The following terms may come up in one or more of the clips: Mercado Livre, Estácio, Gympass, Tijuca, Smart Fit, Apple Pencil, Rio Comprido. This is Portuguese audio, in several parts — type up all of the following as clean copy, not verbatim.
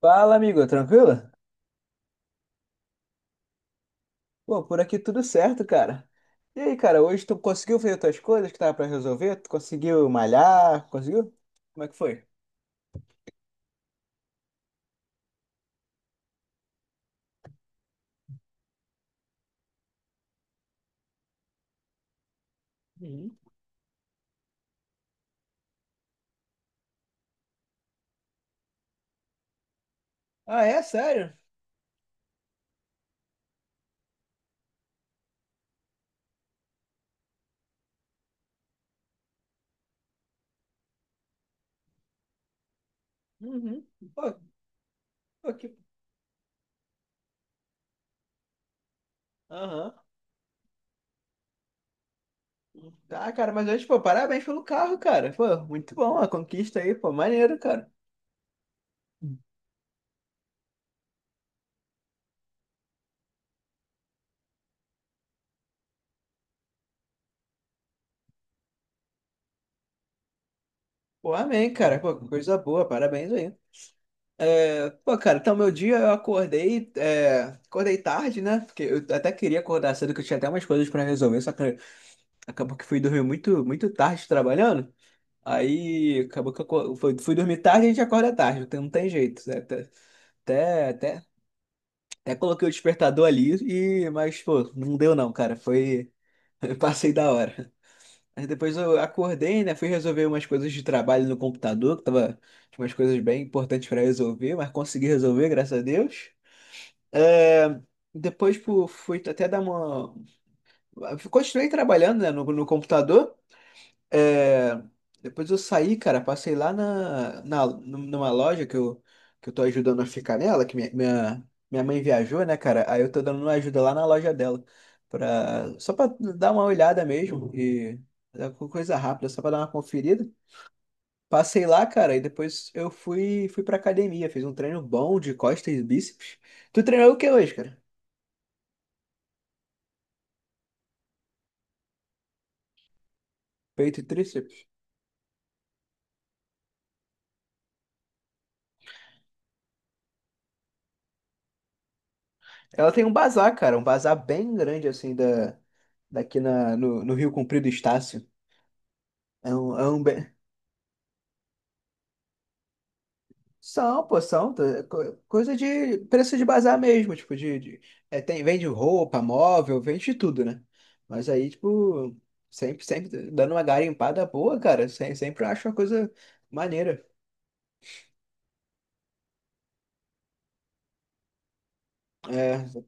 Fala, amigo, tranquilo? Pô, por aqui tudo certo, cara. E aí, cara, hoje tu conseguiu fazer tuas coisas que tava pra resolver? Tu conseguiu malhar? Conseguiu? Como é que foi? Ah, é? Sério? Uhum. Pô, pô, que... Aham. Ah, cara, mas hoje, pô, parabéns pelo carro, cara. Pô, muito bom a conquista aí, pô, maneiro, cara. Pô, amém, cara. Pô, coisa boa, parabéns aí. É, pô, cara, então meu dia eu acordei, acordei tarde, né? Porque eu até queria acordar cedo, que eu tinha até umas coisas pra resolver, só que acabou que fui dormir muito, muito tarde trabalhando. Aí acabou que eu fui dormir tarde e a gente acorda tarde, então não tem jeito, né? Até, até, até coloquei o despertador ali, e, mas pô, não deu não, cara. Foi. Eu passei da hora. Aí depois eu acordei, né? Fui resolver umas coisas de trabalho no computador, tinha umas coisas bem importantes para resolver, mas consegui resolver, graças a Deus. É, Depois pô, fui até dar uma. Continuei trabalhando, né, no computador. É, Depois eu saí, cara, passei lá numa loja que eu tô ajudando a ficar nela, que minha mãe viajou, né, cara? Aí eu tô dando uma ajuda lá na loja dela, só pra dar uma olhada mesmo, e é coisa rápida, só pra dar uma conferida. Passei lá, cara, e depois eu fui pra academia, fiz um treino bom de costas e bíceps. Tu treinou o que hoje, cara? Peito e tríceps. Ela tem um bazar, cara, um bazar bem grande, assim, daqui na, no, no Rio Comprido Estácio. É um bem... São, pô, são. Tá, coisa de preço de bazar mesmo, tipo, tem, vende roupa, móvel, vende de tudo, né? Mas aí, tipo, sempre dando uma garimpada boa, cara, sempre eu acho uma coisa maneira. É,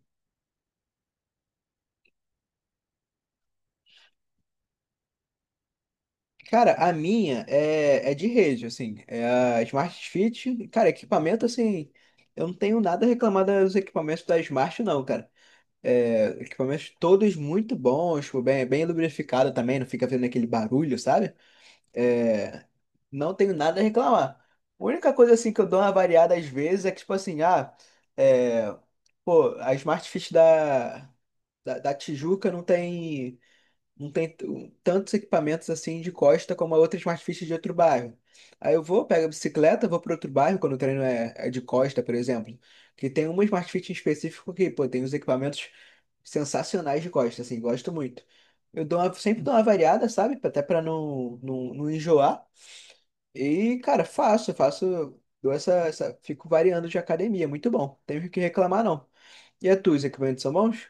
cara, a minha é de rede, assim, é a Smart Fit. Cara, equipamento, assim, eu não tenho nada a reclamar dos equipamentos da Smart, não, cara. Equipamentos todos muito bons, tipo, bem lubrificado também, não fica vendo aquele barulho, sabe? É, não tenho nada a reclamar. A única coisa assim que eu dou uma variada às vezes é que, tipo assim, ah, é, pô, a Smart Fit da Tijuca não tem tantos equipamentos assim de costa como a outra Smart Fit de outro bairro. Aí eu vou, pego a bicicleta, vou para outro bairro, quando o treino é de costa, por exemplo, que tem uma Smart Fit em específico que, pô, tem uns equipamentos sensacionais de costa, assim, gosto muito. Eu dou sempre dou uma variada, sabe? Até para não enjoar. E, cara, fico variando de academia, muito bom. Tenho que reclamar, não. E a tua, os equipamentos são bons?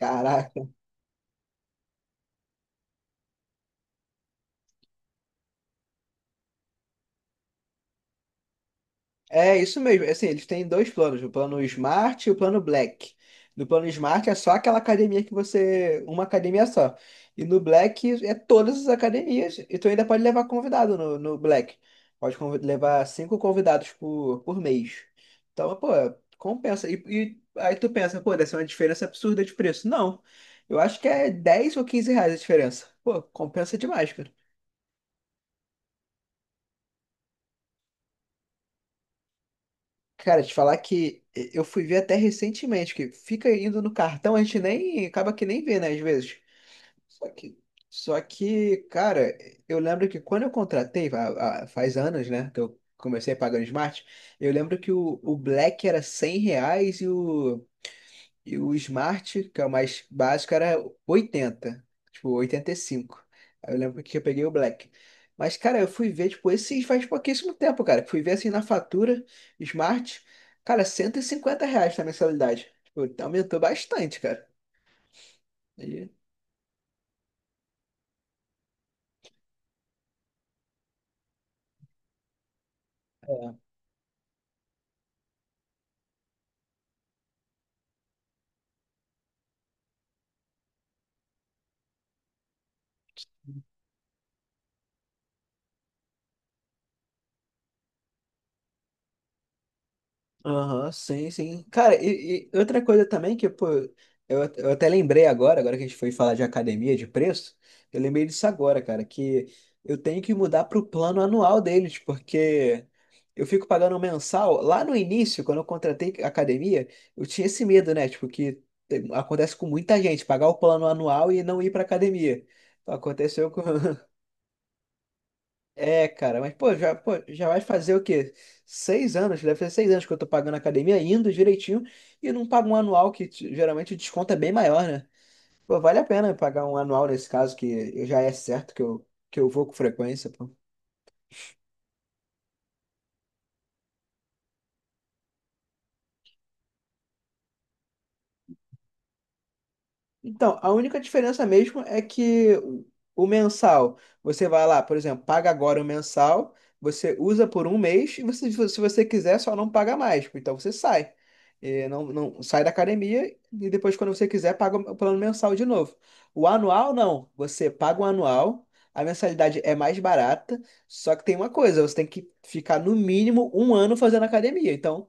Caraca. É isso mesmo. Assim, eles têm dois planos, o plano Smart e o plano Black. No plano Smart é só aquela academia que você, uma academia só. E no Black é todas as academias. E tu ainda pode levar convidado no Black. Pode levar cinco convidados por mês. Então, pô, compensa. E aí tu pensa, pô, deve ser uma diferença absurda de preço. Não. Eu acho que é 10 ou 15 reais a diferença. Pô, compensa demais, cara. Cara, te falar que eu fui ver até recentemente, que fica indo no cartão, a gente nem acaba que nem vê, né, às vezes. Só que, só que, cara, eu lembro que quando eu contratei, faz anos, né, que eu comecei pagando Smart, eu lembro que o Black era R$ 100 e o Smart, que é o mais básico, era 80 tipo 85. Aí eu lembro que eu peguei o Black. Mas, cara, eu fui ver, tipo, esses faz pouquíssimo tempo, cara. Fui ver assim na fatura, Smart, cara, R$ 150 na mensalidade. Tipo, aumentou bastante, cara. E... Aham, sim, sim. Cara, e outra coisa também que, pô, eu até lembrei agora, agora que a gente foi falar de academia, de preço, eu lembrei disso agora, cara, que eu tenho que mudar pro plano anual deles, porque eu fico pagando mensal. Lá no início, quando eu contratei academia, eu tinha esse medo, né? Tipo, que acontece com muita gente, pagar o plano anual e não ir pra academia. Aconteceu com, é, cara, mas pô, já vai fazer o quê? 6 anos, deve fazer 6 anos que eu tô pagando a academia, indo direitinho, e não pago um anual geralmente o desconto é bem maior, né? Pô, vale a pena pagar um anual nesse caso, que eu já é certo que eu, vou com frequência, pô. Então, a única diferença mesmo é que o mensal, você vai lá, por exemplo, paga agora o mensal, você usa por um mês e você, se você quiser, só não paga mais. Então você sai. Não, não sai da academia e depois, quando você quiser, paga o plano mensal de novo. O anual, não. Você paga o anual, a mensalidade é mais barata, só que tem uma coisa, você tem que ficar no mínimo um ano fazendo academia. Então,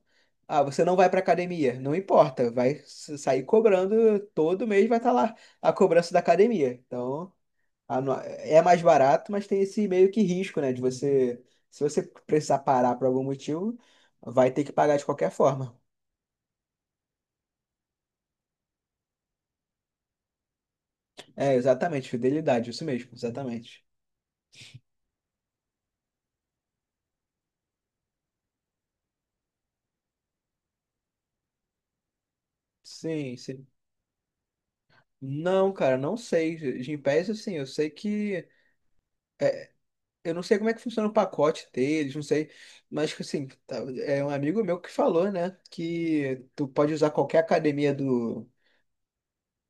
ah, você não vai para academia. Não importa, vai sair cobrando todo mês, vai estar lá a cobrança da academia. Então, a no- é mais barato, mas tem esse meio que risco, né? De você, se você precisar parar por algum motivo, vai ter que pagar de qualquer forma. É, exatamente, fidelidade, isso mesmo, exatamente. Sim, sim. Não, cara, não sei. Gympass, assim, eu sei que. é, Eu não sei como é que funciona o pacote deles, não sei. Mas, tipo assim, é um amigo meu que falou, né? Que tu pode usar qualquer academia do.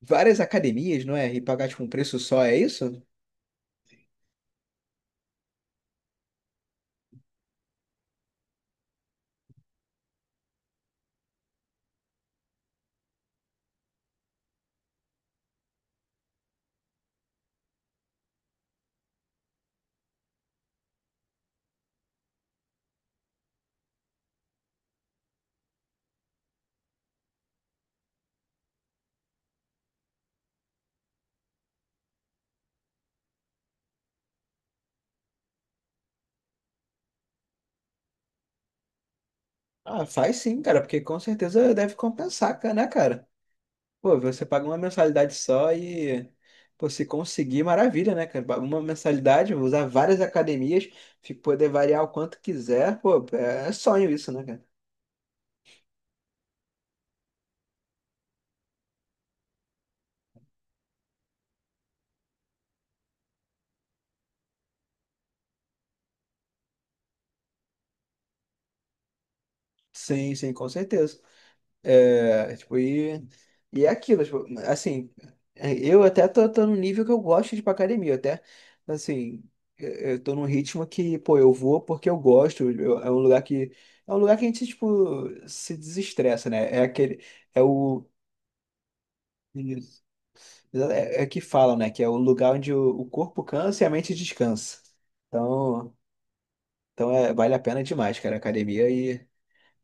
Várias academias, não é? E pagar, tipo, um preço só, é isso? Ah, faz sim, cara, porque com certeza deve compensar, né, cara? Pô, você paga uma mensalidade só e. Pô, se conseguir, maravilha, né, cara? Paga uma mensalidade, vou usar várias academias, poder variar o quanto quiser, pô, é sonho isso, né, cara? Sim, sim, com certeza. Tipo, e é aquilo, tipo, assim, é, eu até tô num nível que eu gosto de ir pra academia, até, assim, eu tô num ritmo que, pô, eu vou porque eu gosto, é um lugar que, a gente, tipo, se desestressa, né, é o, isso. É que falam, né, que é o lugar onde o corpo cansa e a mente descansa, então, vale a pena demais, cara, a academia. Aí,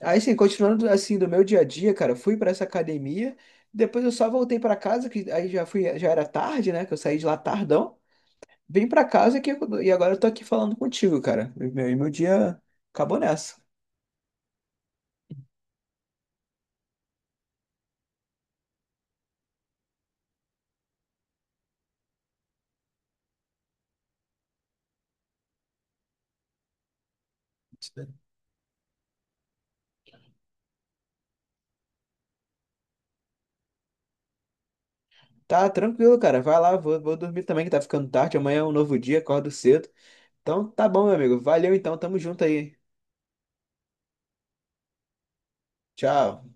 assim, continuando assim do meu dia a dia, cara, eu fui pra essa academia, depois eu só voltei pra casa, que aí já fui, já era tarde, né? Que eu saí de lá tardão, vim pra casa que, e agora eu tô aqui falando contigo, cara. E meu dia acabou nessa. Tá tranquilo, cara. Vai lá, vou dormir também, que tá ficando tarde. Amanhã é um novo dia, acordo cedo. Então tá bom, meu amigo. Valeu então, tamo junto aí. Tchau.